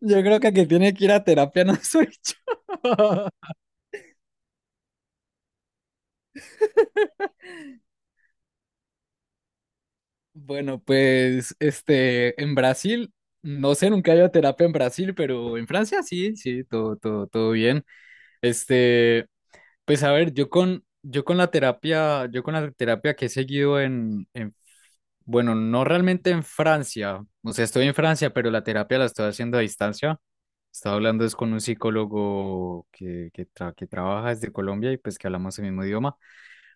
Yo creo que el que tiene que ir a terapia no soy yo. Bueno, pues en Brasil, no sé, nunca he ido a terapia en Brasil, pero en Francia sí, sí, todo, todo, todo bien. Este, pues a ver, yo con la terapia, yo con la terapia que he seguido bueno, no realmente en Francia, o sea, estoy en Francia, pero la terapia la estoy haciendo a distancia. Estaba hablando es con un psicólogo que trabaja desde Colombia y pues que hablamos el mismo idioma,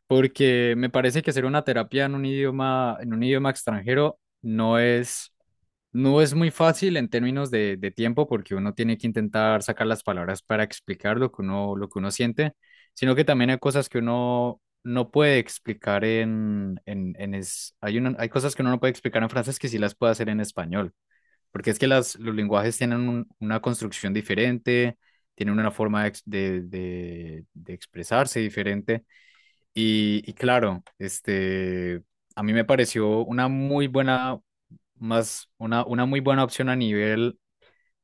porque me parece que hacer una terapia en un idioma extranjero no es muy fácil en términos de tiempo, porque uno tiene que intentar sacar las palabras para explicar lo que uno siente, sino que también hay cosas que uno no puede explicar hay hay cosas que uno no puede explicar en frases que sí las puede hacer en español, porque es que las, los lenguajes tienen una construcción diferente, tienen una forma de, de expresarse diferente. Y claro, a mí me pareció una muy buena, más una muy buena opción a nivel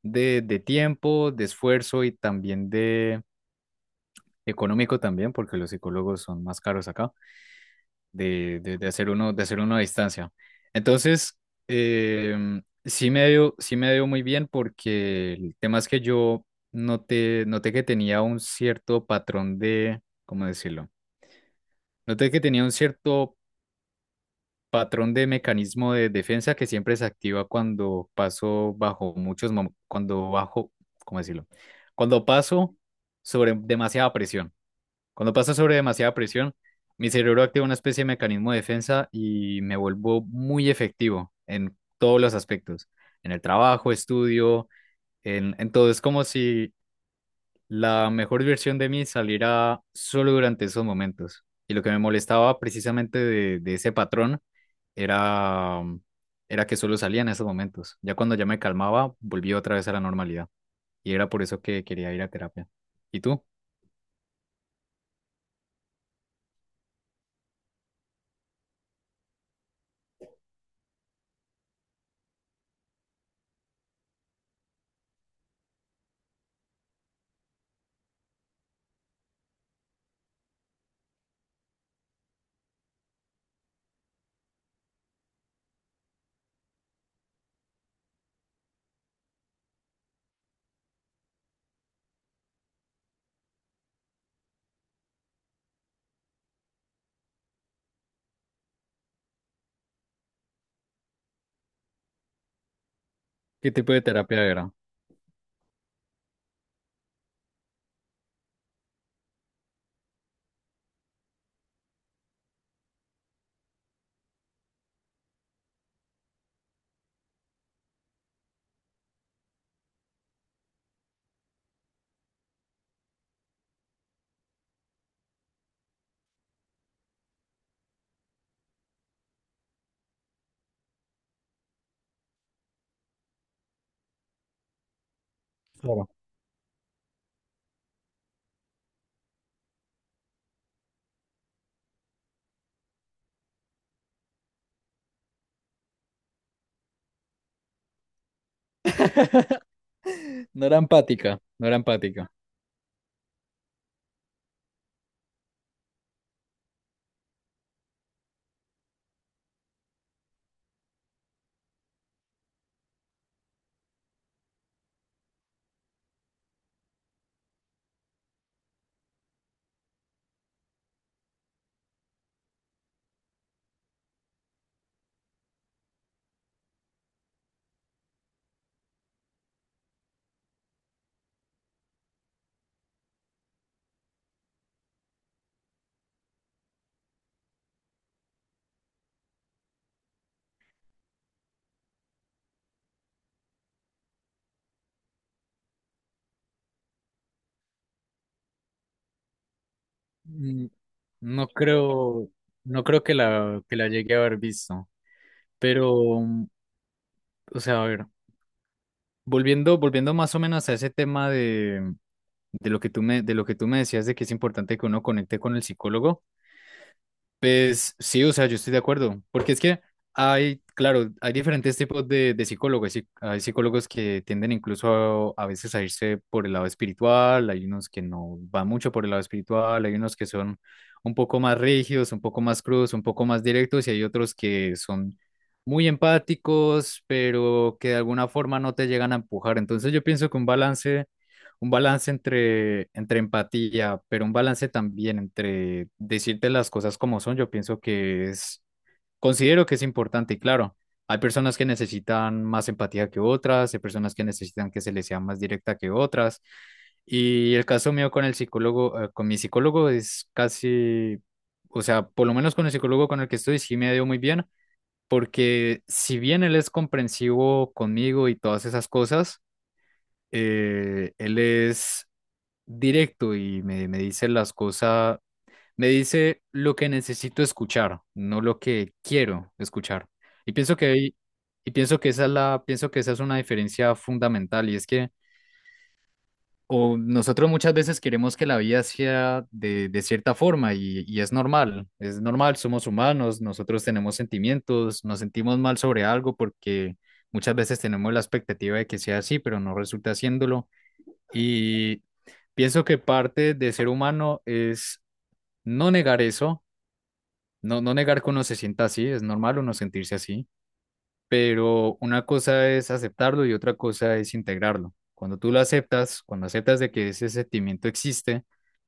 de tiempo, de esfuerzo y también de económico también, porque los psicólogos son más caros acá, de hacer uno a distancia. Entonces, sí me dio muy bien porque el tema es que yo noté, noté que tenía un cierto patrón de, ¿cómo decirlo? Noté que tenía un cierto patrón de mecanismo de defensa que siempre se activa cuando paso bajo cuando bajo, ¿cómo decirlo? Cuando paso sobre demasiada presión. Cuando paso sobre demasiada presión, mi cerebro activa una especie de mecanismo de defensa y me vuelvo muy efectivo en todos los aspectos, en el trabajo, estudio, en todo. Es como si la mejor versión de mí salirá solo durante esos momentos. Y lo que me molestaba precisamente de ese patrón era, era que solo salía en esos momentos. Ya cuando ya me calmaba, volví otra vez a la normalidad. Y era por eso que quería ir a terapia. ¿Y tú? ¿Qué tipo de terapia era? Claro. No era empática, no era empática. Mm, no creo, no creo que la llegué a haber visto. Pero, mm, o sea, a ver. Volviendo, volviendo más o menos a ese tema de lo que tú me, de lo que tú me decías de que es importante que uno conecte con el psicólogo. Pues sí, o sea, yo estoy de acuerdo, porque es que hay, claro, hay diferentes tipos de psicólogos. Sí, hay psicólogos que tienden incluso a veces a irse por el lado espiritual, hay unos que no van mucho por el lado espiritual, hay unos que son un poco más rígidos, un poco más crudos, un poco más directos, y hay otros que son muy empáticos, pero que de alguna forma no te llegan a empujar. Entonces yo pienso que un balance entre, entre empatía, pero un balance también entre decirte las cosas como son, yo pienso que es, considero que es importante y claro, hay personas que necesitan más empatía que otras, hay personas que necesitan que se les sea más directa que otras. Y el caso mío con el psicólogo, con mi psicólogo es casi, o sea, por lo menos con el psicólogo con el que estoy sí me ha ido muy bien, porque si bien él es comprensivo conmigo y todas esas cosas, él es directo y me dice las cosas, me dice lo que necesito escuchar, no lo que quiero escuchar. Y pienso que y pienso que esa es la, pienso que esa es una diferencia fundamental y es que o nosotros muchas veces queremos que la vida sea de cierta forma y es normal, somos humanos, nosotros tenemos sentimientos, nos sentimos mal sobre algo porque muchas veces tenemos la expectativa de que sea así, pero no resulta haciéndolo. Y pienso que parte de ser humano es no negar eso, no negar que uno se sienta así, es normal uno sentirse así, pero una cosa es aceptarlo y otra cosa es integrarlo. Cuando tú lo aceptas, cuando aceptas de que ese sentimiento existe,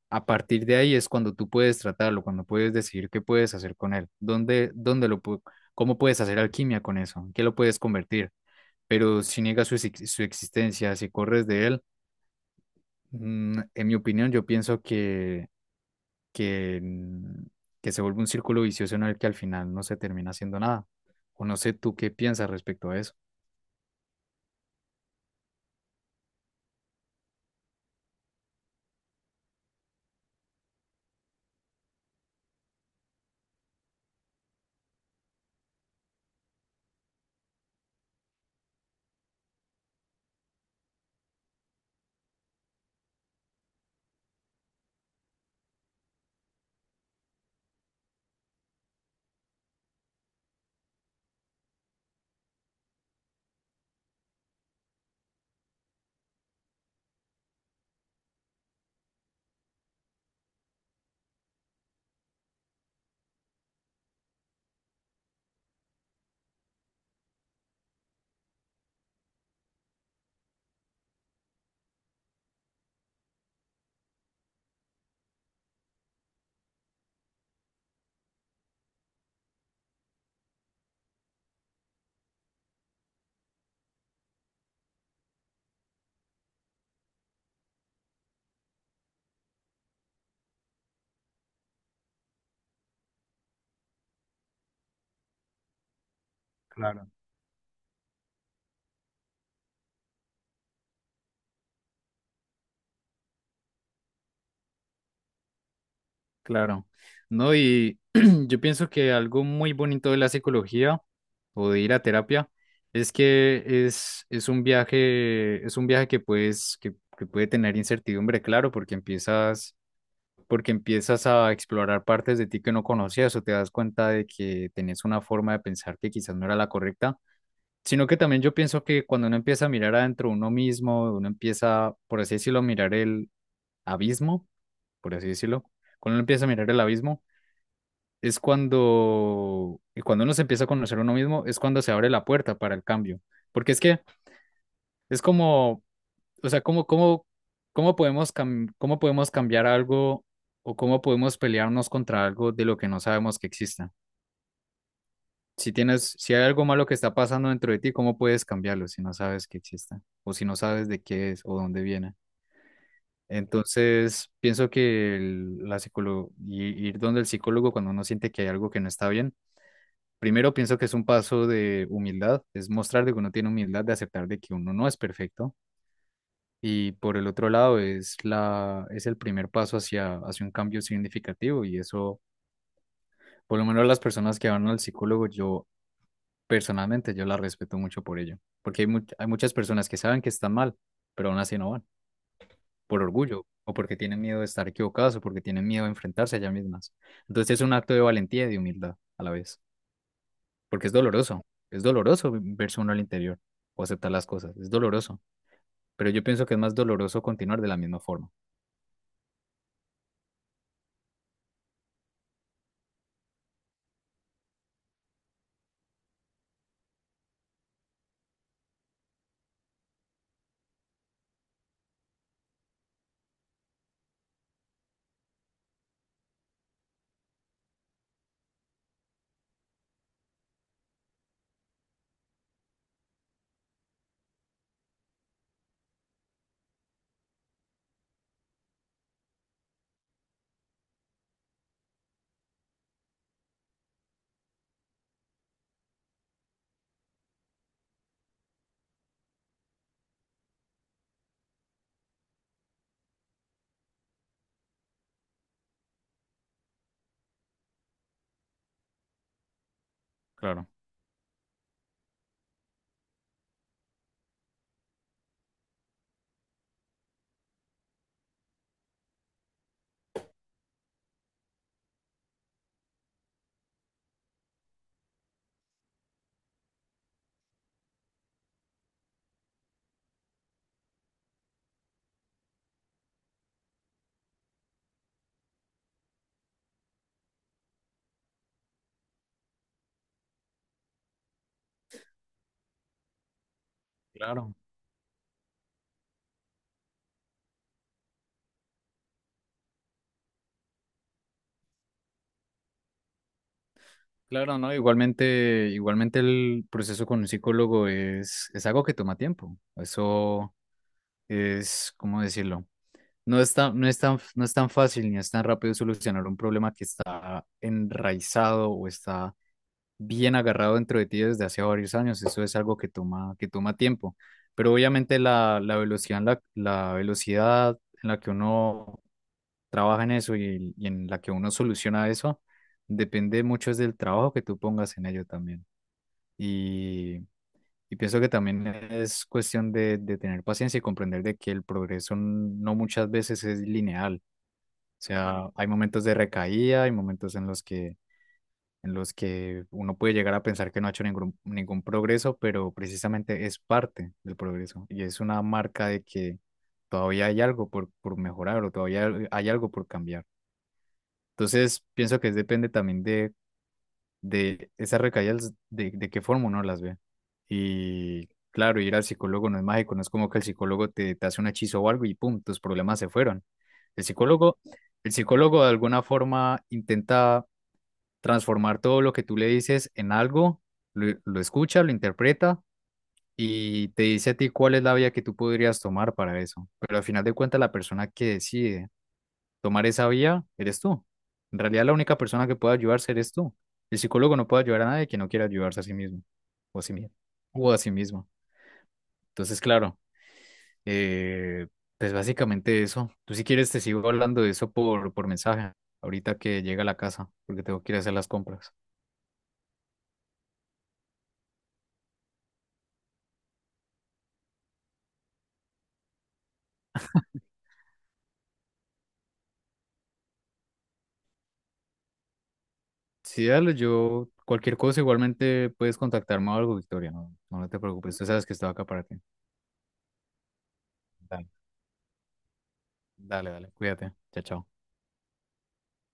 a partir de ahí es cuando tú puedes tratarlo, cuando puedes decidir qué puedes hacer con él, dónde cómo puedes hacer alquimia con eso, en qué lo puedes convertir. Pero si niegas su existencia, si corres de él, mm, en mi opinión, yo pienso que que, mm, que se vuelve un círculo vicioso en el que al final no se termina haciendo nada. O no sé tú qué piensas respecto a eso. Claro. Claro, no, y yo pienso que algo muy bonito de la psicología o de ir a terapia es que es un viaje que puedes, que puede tener incertidumbre, claro, porque empiezas a explorar partes de ti que no conocías o te das cuenta de que tenés una forma de pensar que quizás no era la correcta. Sino que también yo pienso que cuando uno empieza a mirar adentro de uno mismo, uno empieza, por así decirlo, a mirar el abismo, por así decirlo, cuando uno empieza a mirar el abismo, es cuando, y cuando uno se empieza a conocer a uno mismo, es cuando se abre la puerta para el cambio. Porque es que es como, o sea, cómo podemos cómo podemos cambiar algo o cómo podemos pelearnos contra algo de lo que no sabemos que exista. Si tienes, si hay algo malo que está pasando dentro de ti, ¿cómo puedes cambiarlo si no sabes que exista? O si no sabes de qué es o dónde viene. Entonces, pienso que ir donde el psicólogo cuando uno siente que hay algo que no está bien, primero pienso que es un paso de humildad, es mostrar de que uno tiene humildad, de aceptar de que uno no es perfecto. Y por el otro lado, es la, es el primer paso hacia, hacia un cambio significativo y eso... Por lo menos las personas que van al psicólogo, yo personalmente yo la respeto mucho por ello, porque hay, hay muchas personas que saben que están mal, pero aún así no van, por orgullo, o porque tienen miedo de estar equivocadas, o porque tienen miedo de enfrentarse a ellas mismas. Entonces es un acto de valentía y de humildad a la vez, porque es doloroso verse uno al interior o aceptar las cosas, es doloroso, pero yo pienso que es más doloroso continuar de la misma forma. Claro, claro, claro, ¿no? Igualmente, igualmente el proceso con un psicólogo es algo que toma tiempo, eso es, ¿cómo decirlo? No es tan fácil ni es tan rápido solucionar un problema que está enraizado o está bien agarrado dentro de ti desde hace varios años. Eso es algo que toma tiempo. Pero obviamente la velocidad, en la velocidad en la que uno trabaja en eso y en la que uno soluciona eso depende mucho es del trabajo que tú pongas en ello también. Y, y pienso que también es cuestión de tener paciencia y comprender de que el progreso no muchas veces es lineal, o sea, hay momentos de recaída, hay momentos en los que uno puede llegar a pensar que no ha hecho ningún progreso, pero precisamente es parte del progreso y es una marca de que todavía hay algo por mejorar o todavía hay algo por cambiar. Entonces, pienso que depende también de esas recaídas, de qué forma uno las ve. Y claro, ir al psicólogo no es mágico, no es como que el psicólogo te, te hace un hechizo o algo y pum, tus problemas se fueron. El psicólogo, el psicólogo de alguna forma intenta transformar todo lo que tú le dices en algo, lo escucha, lo interpreta y te dice a ti cuál es la vía que tú podrías tomar para eso. Pero al final de cuentas, la persona que decide tomar esa vía eres tú. En realidad, la única persona que puede ayudarse eres tú. El psicólogo no puede ayudar a nadie que no quiera ayudarse a sí mismo o a sí mismo o a sí mismo. Entonces, claro. Eh, pues básicamente eso. Tú si quieres te sigo hablando de eso por mensaje, ahorita que llega a la casa, porque tengo que ir a hacer las compras. Sí, dale, yo cualquier cosa igualmente puedes contactarme o algo, Victoria, no te preocupes, tú sabes que estoy acá para ti. Dale, dale, dale, cuídate, chao, chao.